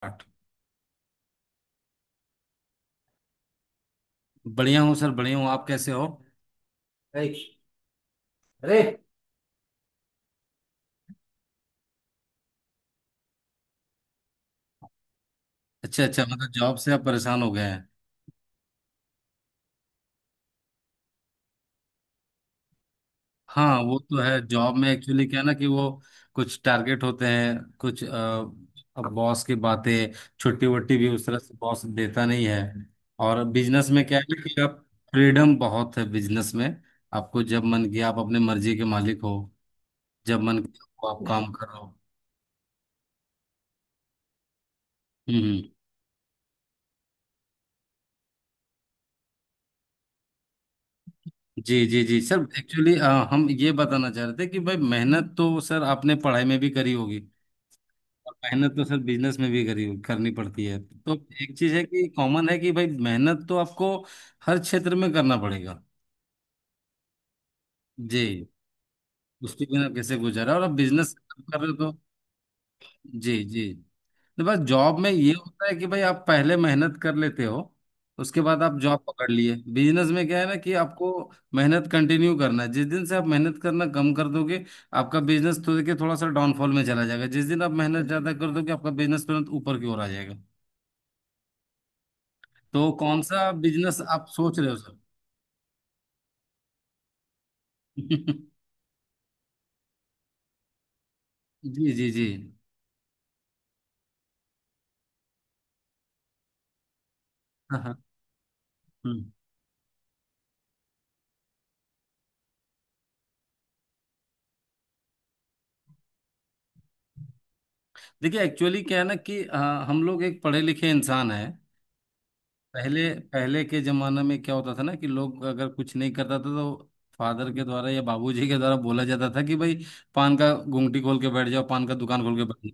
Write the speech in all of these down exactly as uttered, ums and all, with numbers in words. आठ। बढ़िया हूँ सर, बढ़िया हूँ। आप कैसे हो? अरे अरे। अच्छा अच्छा, मतलब जॉब से आप परेशान हो गए हैं। हाँ, वो तो है। जॉब में एक्चुअली क्या है ना कि वो कुछ टारगेट होते हैं, कुछ अ, अब बॉस की बातें, छुट्टी वट्टी भी उस तरह से बॉस देता नहीं है। और बिजनेस में क्या है ना कि आप, फ्रीडम बहुत है बिजनेस में। आपको जब मन किया आप अपने मर्जी के मालिक हो। जब मन किया आप काम करो। हम्म हम्म। जी जी जी सर, एक्चुअली हम ये बताना चाह रहे थे कि भाई मेहनत तो सर आपने पढ़ाई में भी करी होगी। और मेहनत तो सर बिजनेस में भी करी करनी पड़ती है। तो एक चीज है कि कॉमन है कि भाई मेहनत तो आपको हर क्षेत्र में करना पड़ेगा। जी। उसके बिना कैसे गुजारा, और आप बिजनेस कर रहे हो तो। जी जी। तो बस जॉब में ये होता है कि भाई आप पहले मेहनत कर लेते हो, उसके बाद आप जॉब पकड़ लिए। बिजनेस में क्या है ना कि आपको मेहनत कंटिन्यू करना है। जिस दिन से आप मेहनत करना कम कर दोगे, आपका बिजनेस तो देखिए थोड़ा सा डाउनफॉल में चला जाएगा। जिस दिन आप मेहनत ज्यादा कर दोगे, आपका बिजनेस तुरंत ऊपर की ओर आ जाएगा। तो कौन सा बिजनेस आप सोच रहे हो सर? जी जी जी। हाँ हाँ। हम्म। देखिए एक्चुअली क्या है ना कि अ, हम लोग एक पढ़े लिखे इंसान है। पहले पहले के जमाना में क्या होता था ना कि लोग अगर कुछ नहीं करता था, तो फादर के द्वारा या बाबूजी के द्वारा बोला जाता था कि भाई पान का गुंगटी खोल के बैठ जाओ, पान का दुकान खोल के।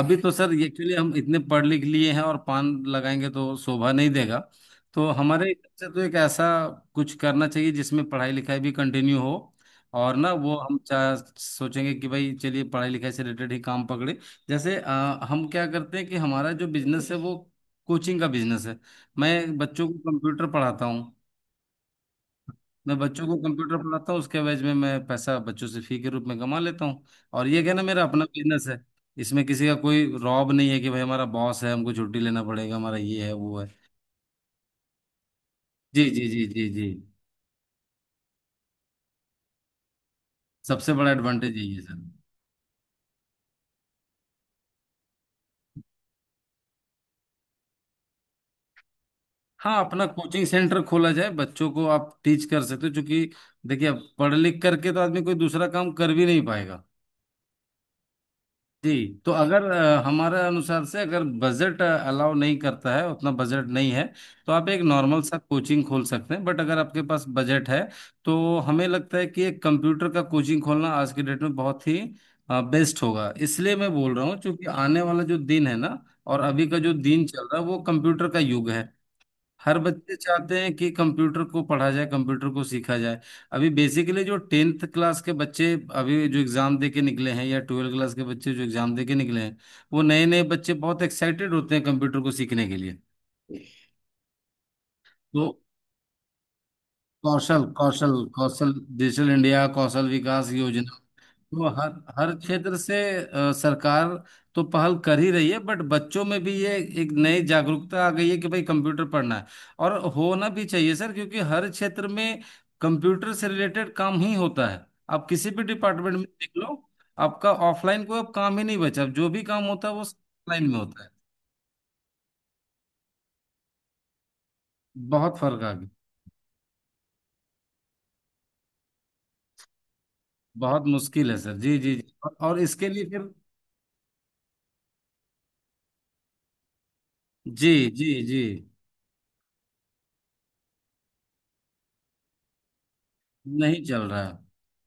अभी तो सर ये एक्चुअली हम इतने पढ़ लिख लिए हैं, और पान लगाएंगे तो शोभा नहीं देगा। तो हमारे हिसाब से तो एक ऐसा कुछ करना चाहिए जिसमें पढ़ाई लिखाई भी कंटिन्यू हो। और ना वो हम चा- सोचेंगे कि भाई चलिए पढ़ाई लिखाई से रिलेटेड ही काम पकड़े। जैसे अ, हम क्या करते हैं कि हमारा जो बिजनेस है वो कोचिंग का बिजनेस है। मैं बच्चों को कंप्यूटर पढ़ाता हूँ। मैं बच्चों को कंप्यूटर पढ़ाता हूँ, उसके एवज में मैं पैसा बच्चों से फी के रूप में कमा लेता हूँ। और ये क्या ना, मेरा अपना बिजनेस है। इसमें किसी का कोई रॉब नहीं है कि भाई हमारा बॉस है, हमको छुट्टी लेना पड़ेगा, हमारा ये है वो है। जी जी जी जी जी। सबसे बड़ा एडवांटेज यही है सर। हाँ, अपना कोचिंग सेंटर खोला जाए, बच्चों को आप टीच कर सकते हो, क्योंकि देखिए अब पढ़ लिख करके तो आदमी कोई दूसरा काम कर भी नहीं पाएगा। जी। तो अगर अ, हमारे अनुसार से अगर बजट अलाउ नहीं करता है, उतना बजट नहीं है, तो आप एक नॉर्मल सा कोचिंग खोल सकते हैं। बट अगर आपके पास बजट है, तो हमें लगता है कि एक कंप्यूटर का कोचिंग खोलना आज के डेट में बहुत ही बेस्ट होगा। इसलिए मैं बोल रहा हूँ क्योंकि आने वाला जो दिन है ना, और अभी का जो दिन चल रहा है, वो कंप्यूटर का युग है। हर बच्चे चाहते हैं कि कंप्यूटर को पढ़ा जाए, कंप्यूटर को सीखा जाए। अभी बेसिकली जो टेंथ क्लास के बच्चे, अभी जो एग्जाम दे के निकले हैं, या ट्वेल्थ क्लास के बच्चे जो एग्जाम दे के निकले हैं, वो नए नए बच्चे बहुत एक्साइटेड होते हैं कंप्यूटर को सीखने के लिए। तो कौशल कौशल कौशल, डिजिटल इंडिया कौशल विकास योजना। तो हर हर क्षेत्र से अ, सरकार तो पहल कर ही रही है। बट बच्चों में भी ये एक नई जागरूकता आ गई है कि भाई कंप्यूटर पढ़ना है। और होना भी चाहिए सर, क्योंकि हर क्षेत्र में कंप्यूटर से रिलेटेड काम ही होता है। आप किसी भी डिपार्टमेंट में देख लो, आपका ऑफलाइन कोई अब काम ही नहीं बचा। अब जो भी काम होता है वो ऑनलाइन में होता है। बहुत फर्क आ गया। बहुत मुश्किल है सर। जी जी जी। और और इसके लिए फिर, जी जी जी, नहीं चल रहा है।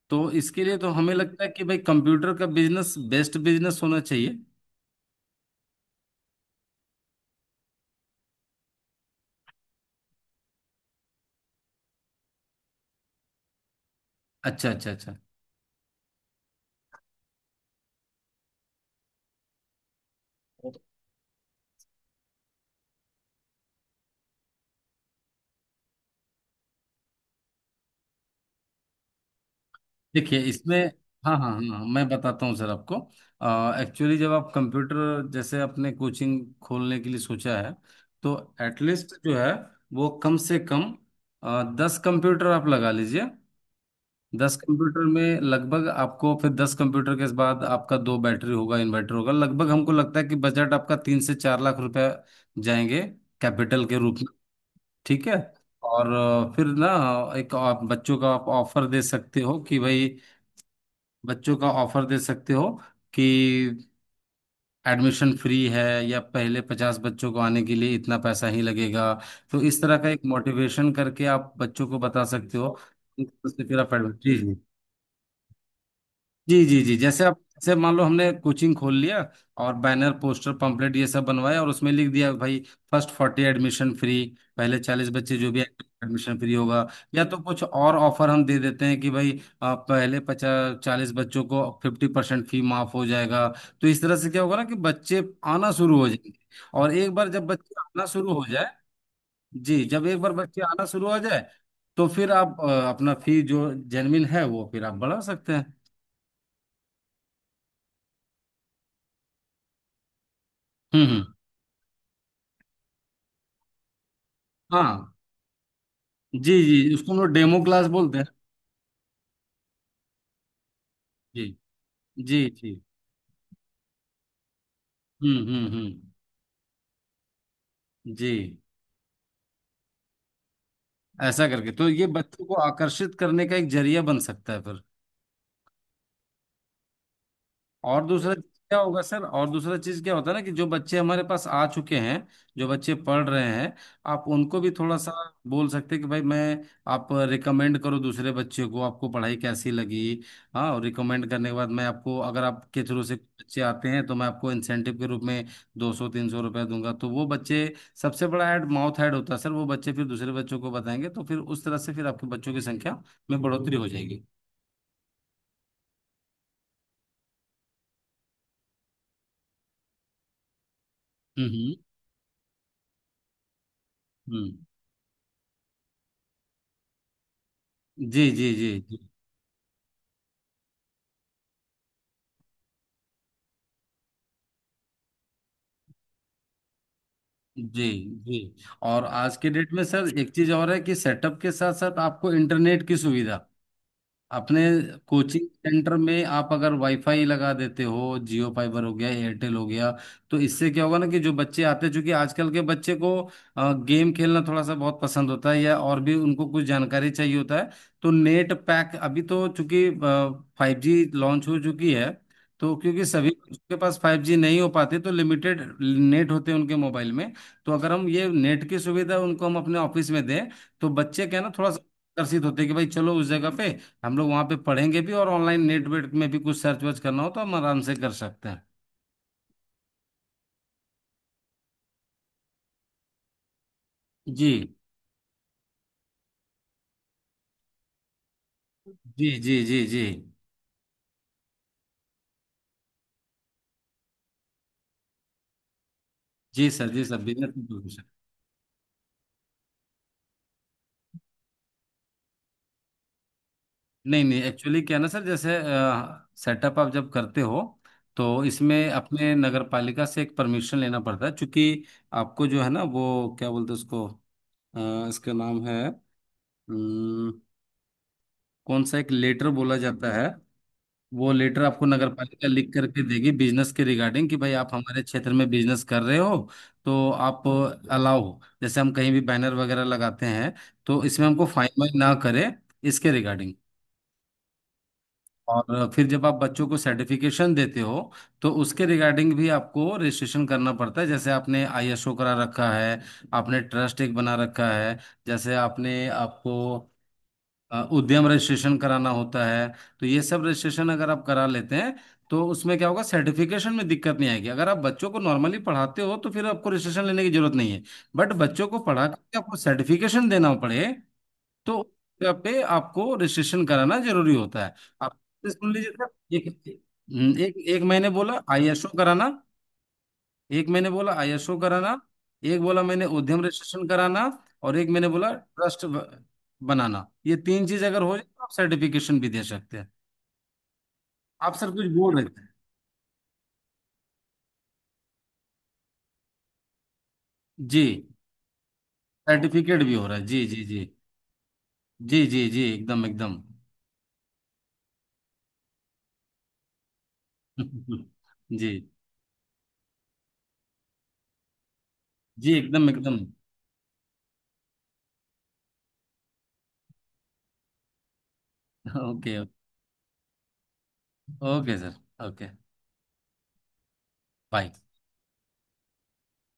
तो इसके लिए तो हमें लगता है कि भाई कंप्यूटर का बिजनेस बेस्ट बिजनेस होना चाहिए। अच्छा अच्छा अच्छा। देखिए इसमें, हाँ हाँ हाँ हाँ, मैं बताता हूँ सर आपको। एक्चुअली जब आप कंप्यूटर, जैसे आपने कोचिंग खोलने के लिए सोचा है, तो एटलीस्ट जो है वो कम से कम आ, दस कंप्यूटर आप लगा लीजिए। दस कंप्यूटर में लगभग आपको, फिर दस कंप्यूटर के बाद आपका दो बैटरी होगा, इन्वर्टर होगा। लगभग हमको लगता है कि बजट आपका तीन से चार लाख रुपए जाएंगे, कैपिटल के रूप। ठीक है। और अ, फिर ना एक आप बच्चों का आप ऑफर दे सकते हो कि भाई, बच्चों का ऑफर दे सकते हो कि एडमिशन फ्री है, या पहले पचास बच्चों को आने के लिए इतना पैसा ही लगेगा। तो इस तरह का एक मोटिवेशन करके आप बच्चों को बता सकते हो। तो फिर आप एडमिशन, जी जी जी जी, जैसे आप, जैसे मान लो हमने कोचिंग खोल लिया और बैनर पोस्टर पंपलेट ये सब बनवाया, और उसमें लिख दिया भाई फर्स्ट फोर्टी एडमिशन फ्री, पहले चालीस बच्चे जो भी, एडमिशन फ्री होगा। या तो कुछ और ऑफर हम दे देते हैं कि भाई आ, पहले पचास चालीस बच्चों को फिफ्टी परसेंट फी माफ हो जाएगा। तो इस तरह से क्या होगा ना कि बच्चे आना शुरू हो जाएंगे। और एक बार जब बच्चे आना शुरू हो जाए, जी, जब एक बार बच्चे आना शुरू हो जाए तो फिर आप अ, अपना फी जो जेनविन है वो फिर आप बढ़ा सकते हैं। हम्म हम्म। हाँ। जी जी, उसको हम लोग डेमो क्लास बोलते हैं। जी जी जी। हम्म हम्म हम्म। जी। ऐसा करके तो ये बच्चों को आकर्षित करने का एक जरिया बन सकता है। और दूसरा चीज क्या होगा सर, और दूसरा चीज क्या होता है ना कि जो बच्चे हमारे पास आ चुके हैं, जो बच्चे पढ़ रहे हैं, आप उनको भी थोड़ा सा बोल सकते हैं कि भाई मैं, आप रिकमेंड करो दूसरे बच्चे को, आपको पढ़ाई कैसी लगी। हाँ, और रिकमेंड करने के बाद मैं आपको, अगर आपके थ्रू से बच्चे आते हैं, तो मैं आपको इंसेंटिव के रूप में दो सौ तीन सौ रुपया दूंगा। तो वो बच्चे, सबसे बड़ा ऐड माउथ ऐड होता है सर, वो बच्चे फिर दूसरे बच्चों को बताएंगे, तो फिर उस तरह से फिर आपके बच्चों की संख्या में बढ़ोतरी हो जाएगी। हम्म हम्म हम्म। जी जी जी जी जी। और आज के डेट में सर एक चीज और है कि सेटअप के साथ साथ आपको इंटरनेट की सुविधा, अपने कोचिंग सेंटर में आप अगर वाईफाई लगा देते हो, जियो फाइबर हो गया, एयरटेल हो गया, तो इससे क्या होगा ना कि जो बच्चे आते हैं, चूंकि आजकल के बच्चे को अ, गेम खेलना थोड़ा सा बहुत पसंद होता है, या और भी उनको कुछ जानकारी चाहिए होता है, तो नेट पैक, अभी तो चूंकि फाइव जी लॉन्च हो चुकी है, तो क्योंकि सभी बच्चों के पास फाइव जी नहीं हो पाते, तो लिमिटेड नेट होते हैं उनके मोबाइल में। तो अगर हम ये नेट की सुविधा उनको हम अपने ऑफिस में दें, तो बच्चे क्या है ना थोड़ा सा आकर्षित होते हैं कि भाई चलो उस जगह पे हम लोग वहाँ पे पढ़ेंगे भी, और ऑनलाइन नेट वेट में भी कुछ सर्च वर्च करना हो तो हम आराम से कर सकते हैं। जी जी जी जी। जी जी सर, जी सर, बिजनेस सर। नहीं नहीं, एक्चुअली क्या है ना सर, जैसे सेटअप आप जब करते हो, तो इसमें अपने नगर पालिका से एक परमिशन लेना पड़ता है, क्योंकि आपको जो है ना वो क्या बोलते हैं उसको, अ, इसका नाम है, अम, कौन सा एक लेटर बोला जाता है, वो लेटर आपको नगर पालिका लिख करके देगी बिजनेस के रिगार्डिंग कि भाई आप हमारे क्षेत्र में बिजनेस कर रहे हो। तो आप अलाउ हो, जैसे हम कहीं भी बैनर वगैरह लगाते हैं तो इसमें हमको फाइन वाइन ना करे, इसके रिगार्डिंग। और फिर जब आप बच्चों को सर्टिफिकेशन देते हो, तो उसके रिगार्डिंग भी आपको रजिस्ट्रेशन करना पड़ता है। जैसे आपने आई एस ओ करा रखा है, आपने ट्रस्ट एक बना रखा है, जैसे आपने, आपको अ, उद्यम रजिस्ट्रेशन कराना होता है। तो ये सब रजिस्ट्रेशन अगर आप करा लेते हैं, तो उसमें क्या होगा, सर्टिफिकेशन में दिक्कत नहीं आएगी। अगर आप बच्चों को नॉर्मली पढ़ाते हो तो फिर आपको रजिस्ट्रेशन लेने की जरूरत नहीं है, बट बच्चों को पढ़ा करके आपको सर्टिफिकेशन देना पड़े, तो उस जगह पे आपको रजिस्ट्रेशन कराना जरूरी होता है। आप सुन लीजिए सर, एक हम्म, एक एक महीने बोला आई एस ओ कराना, एक मैंने बोला आई एस ओ कराना, एक बोला मैंने उद्यम रजिस्ट्रेशन कराना, और एक मैंने बोला ट्रस्ट ब- बनाना। ये तीन चीज अगर हो जाए तो आप सर्टिफिकेशन भी दे सकते हैं। आप सर कुछ बोल रहे थे? जी। सर्टिफिकेट भी हो रहा है, जी जी जी। जी जी जी एकदम एकदम। जी जी एकदम एकदम। Okay. Okay sir. Okay. Bye.